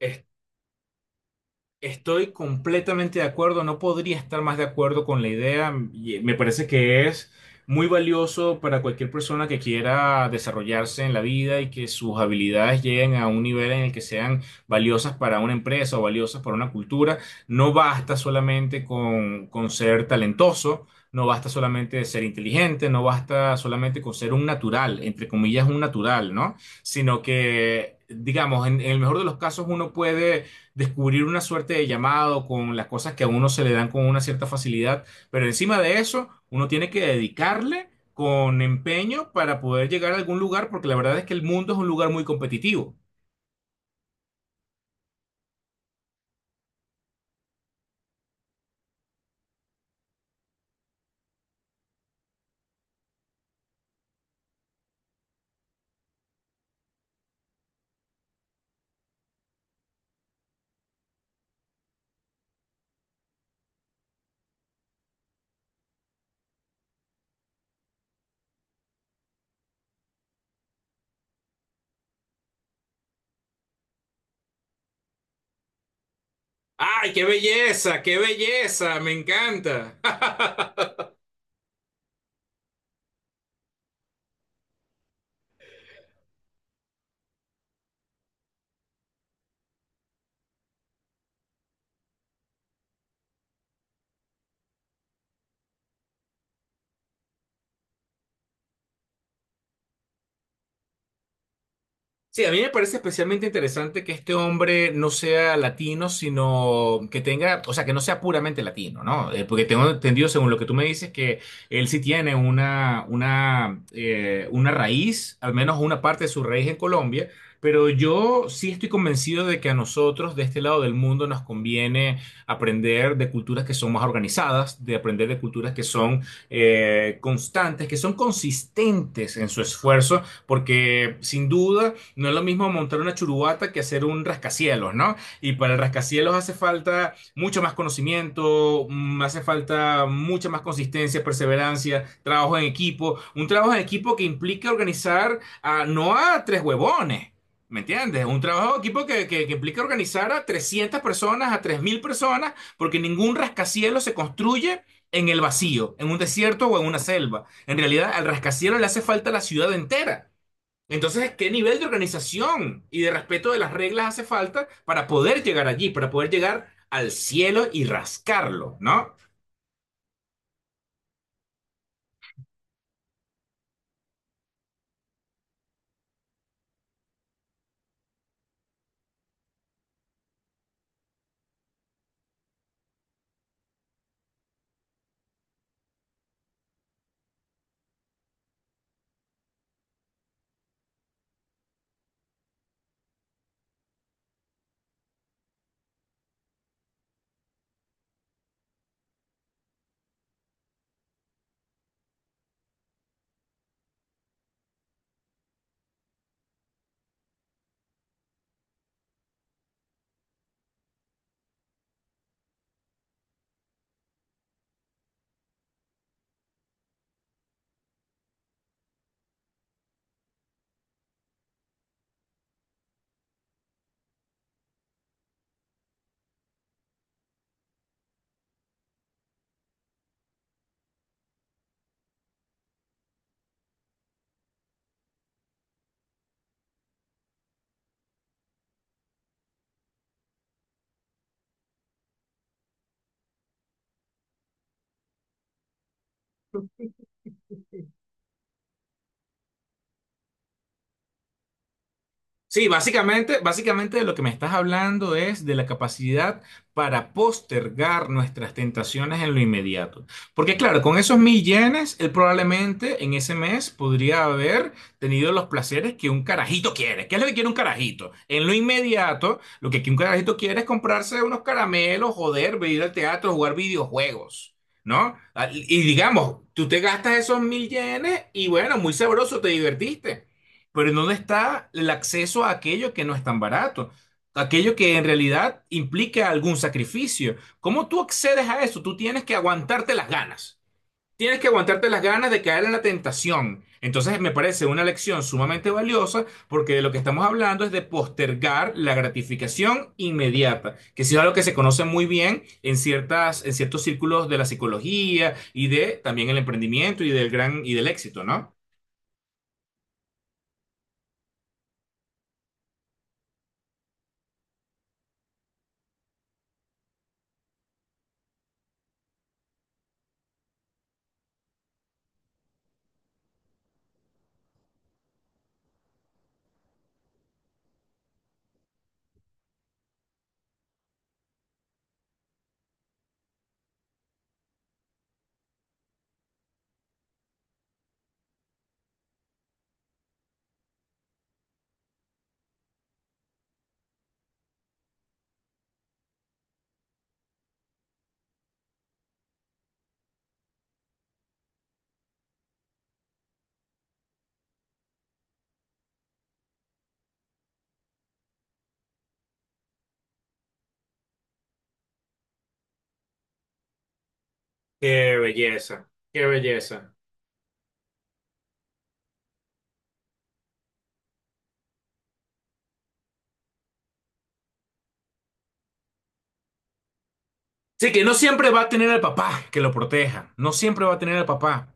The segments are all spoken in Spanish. Es- Estoy completamente de acuerdo, no podría estar más de acuerdo con la idea. Me parece que es muy valioso para cualquier persona que quiera desarrollarse en la vida y que sus habilidades lleguen a un nivel en el que sean valiosas para una empresa o valiosas para una cultura. No basta solamente con ser talentoso, no basta solamente ser inteligente, no basta solamente con ser un natural, entre comillas, un natural, ¿no? Sino que, digamos, en el mejor de los casos uno puede descubrir una suerte de llamado con las cosas que a uno se le dan con una cierta facilidad, pero encima de eso, uno tiene que dedicarle con empeño para poder llegar a algún lugar, porque la verdad es que el mundo es un lugar muy competitivo. ¡Ay, qué belleza! ¡Qué belleza! ¡Me encanta! Sí, a mí me parece especialmente interesante que este hombre no sea latino, sino que tenga, o sea, que no sea puramente latino, ¿no? Porque tengo entendido, según lo que tú me dices, que él sí tiene una raíz, al menos una parte de su raíz en Colombia, pero yo sí estoy convencido de que a nosotros de este lado del mundo nos conviene aprender de culturas que son más organizadas, de aprender de culturas que son constantes, que son consistentes en su esfuerzo, porque sin duda... No es lo mismo montar una churubata que hacer un rascacielos, ¿no? Y para el rascacielos hace falta mucho más conocimiento, hace falta mucha más consistencia, perseverancia, trabajo en equipo. Un trabajo en equipo que implica organizar a, no a tres huevones. ¿Me entiendes? Un trabajo de equipo que implica organizar a 300 personas, a 3.000 personas, porque ningún rascacielos se construye en el vacío, en un desierto o en una selva. En realidad, al rascacielos le hace falta la ciudad entera. Entonces, ¿qué nivel de organización y de respeto de las reglas hace falta para poder llegar allí, para poder llegar al cielo y rascarlo, ¿no? Sí, básicamente, básicamente lo que me estás hablando es de la capacidad para postergar nuestras tentaciones en lo inmediato. Porque claro, con esos 1.000 yenes, él probablemente en ese mes podría haber tenido los placeres que un carajito quiere. ¿Qué es lo que quiere un carajito? En lo inmediato, lo que un carajito quiere es comprarse unos caramelos, joder, ir al teatro, jugar videojuegos. ¿No? Ah, Y digamos, tú te gastas esos 1.000 yenes y bueno, muy sabroso, te divertiste. Pero ¿en dónde está el acceso a aquello que no es tan barato? Aquello que en realidad implica algún sacrificio. ¿Cómo tú accedes a eso? Tú tienes que aguantarte las ganas. Tienes que aguantarte las ganas de caer en la tentación. Entonces me parece una lección sumamente valiosa porque de lo que estamos hablando es de postergar la gratificación inmediata, que sí es algo que se conoce muy bien en ciertas, en ciertos círculos de la psicología y de también el emprendimiento y del gran y del éxito, ¿no? Qué belleza, qué belleza. Sí, que no siempre va a tener al papá que lo proteja, no siempre va a tener al papá.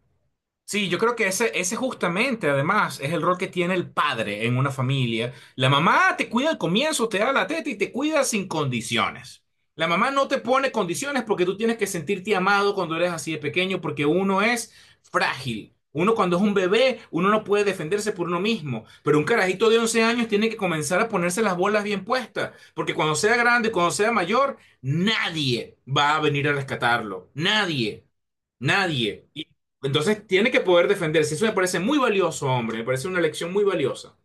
Sí, yo creo que ese justamente, además, es el rol que tiene el padre en una familia. La mamá te cuida al comienzo, te da la teta y te cuida sin condiciones. La mamá no te pone condiciones porque tú tienes que sentirte amado cuando eres así de pequeño, porque uno es frágil. Uno cuando es un bebé, uno no puede defenderse por uno mismo. Pero un carajito de 11 años tiene que comenzar a ponerse las bolas bien puestas, porque cuando sea grande, cuando sea mayor, nadie va a venir a rescatarlo. Nadie. Nadie. Entonces tiene que poder defenderse. Eso me parece muy valioso, hombre. Me parece una elección muy valiosa.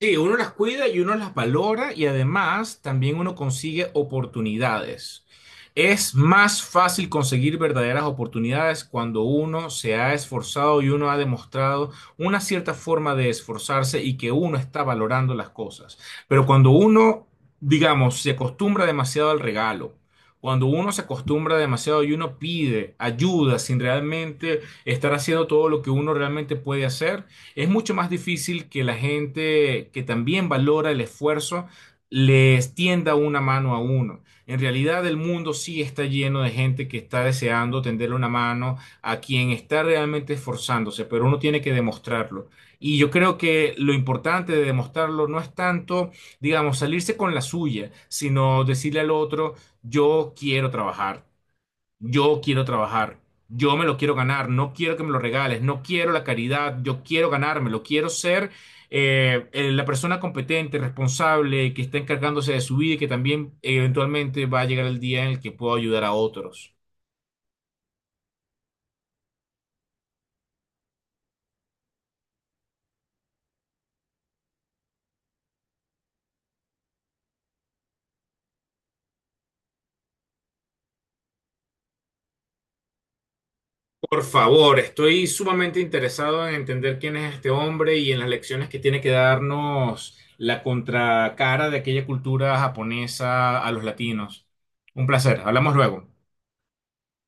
Sí, uno las cuida y uno las valora y además también uno consigue oportunidades. Es más fácil conseguir verdaderas oportunidades cuando uno se ha esforzado y uno ha demostrado una cierta forma de esforzarse y que uno está valorando las cosas. Pero cuando uno, digamos, se acostumbra demasiado al regalo, cuando uno se acostumbra demasiado y uno pide ayuda sin realmente estar haciendo todo lo que uno realmente puede hacer, es mucho más difícil que la gente que también valora el esfuerzo le tienda una mano a uno. En realidad el mundo sí está lleno de gente que está deseando tenderle una mano a quien está realmente esforzándose, pero uno tiene que demostrarlo. Y yo creo que lo importante de demostrarlo no es tanto, digamos, salirse con la suya, sino decirle al otro, yo quiero trabajar. Yo quiero trabajar, yo me lo quiero ganar, no quiero que me lo regales, no quiero la caridad, yo quiero ganármelo, quiero ser la persona competente, responsable, que está encargándose de su vida y que también eventualmente va a llegar el día en el que pueda ayudar a otros. Por favor, estoy sumamente interesado en entender quién es este hombre y en las lecciones que tiene que darnos la contracara de aquella cultura japonesa a los latinos. Un placer, hablamos luego.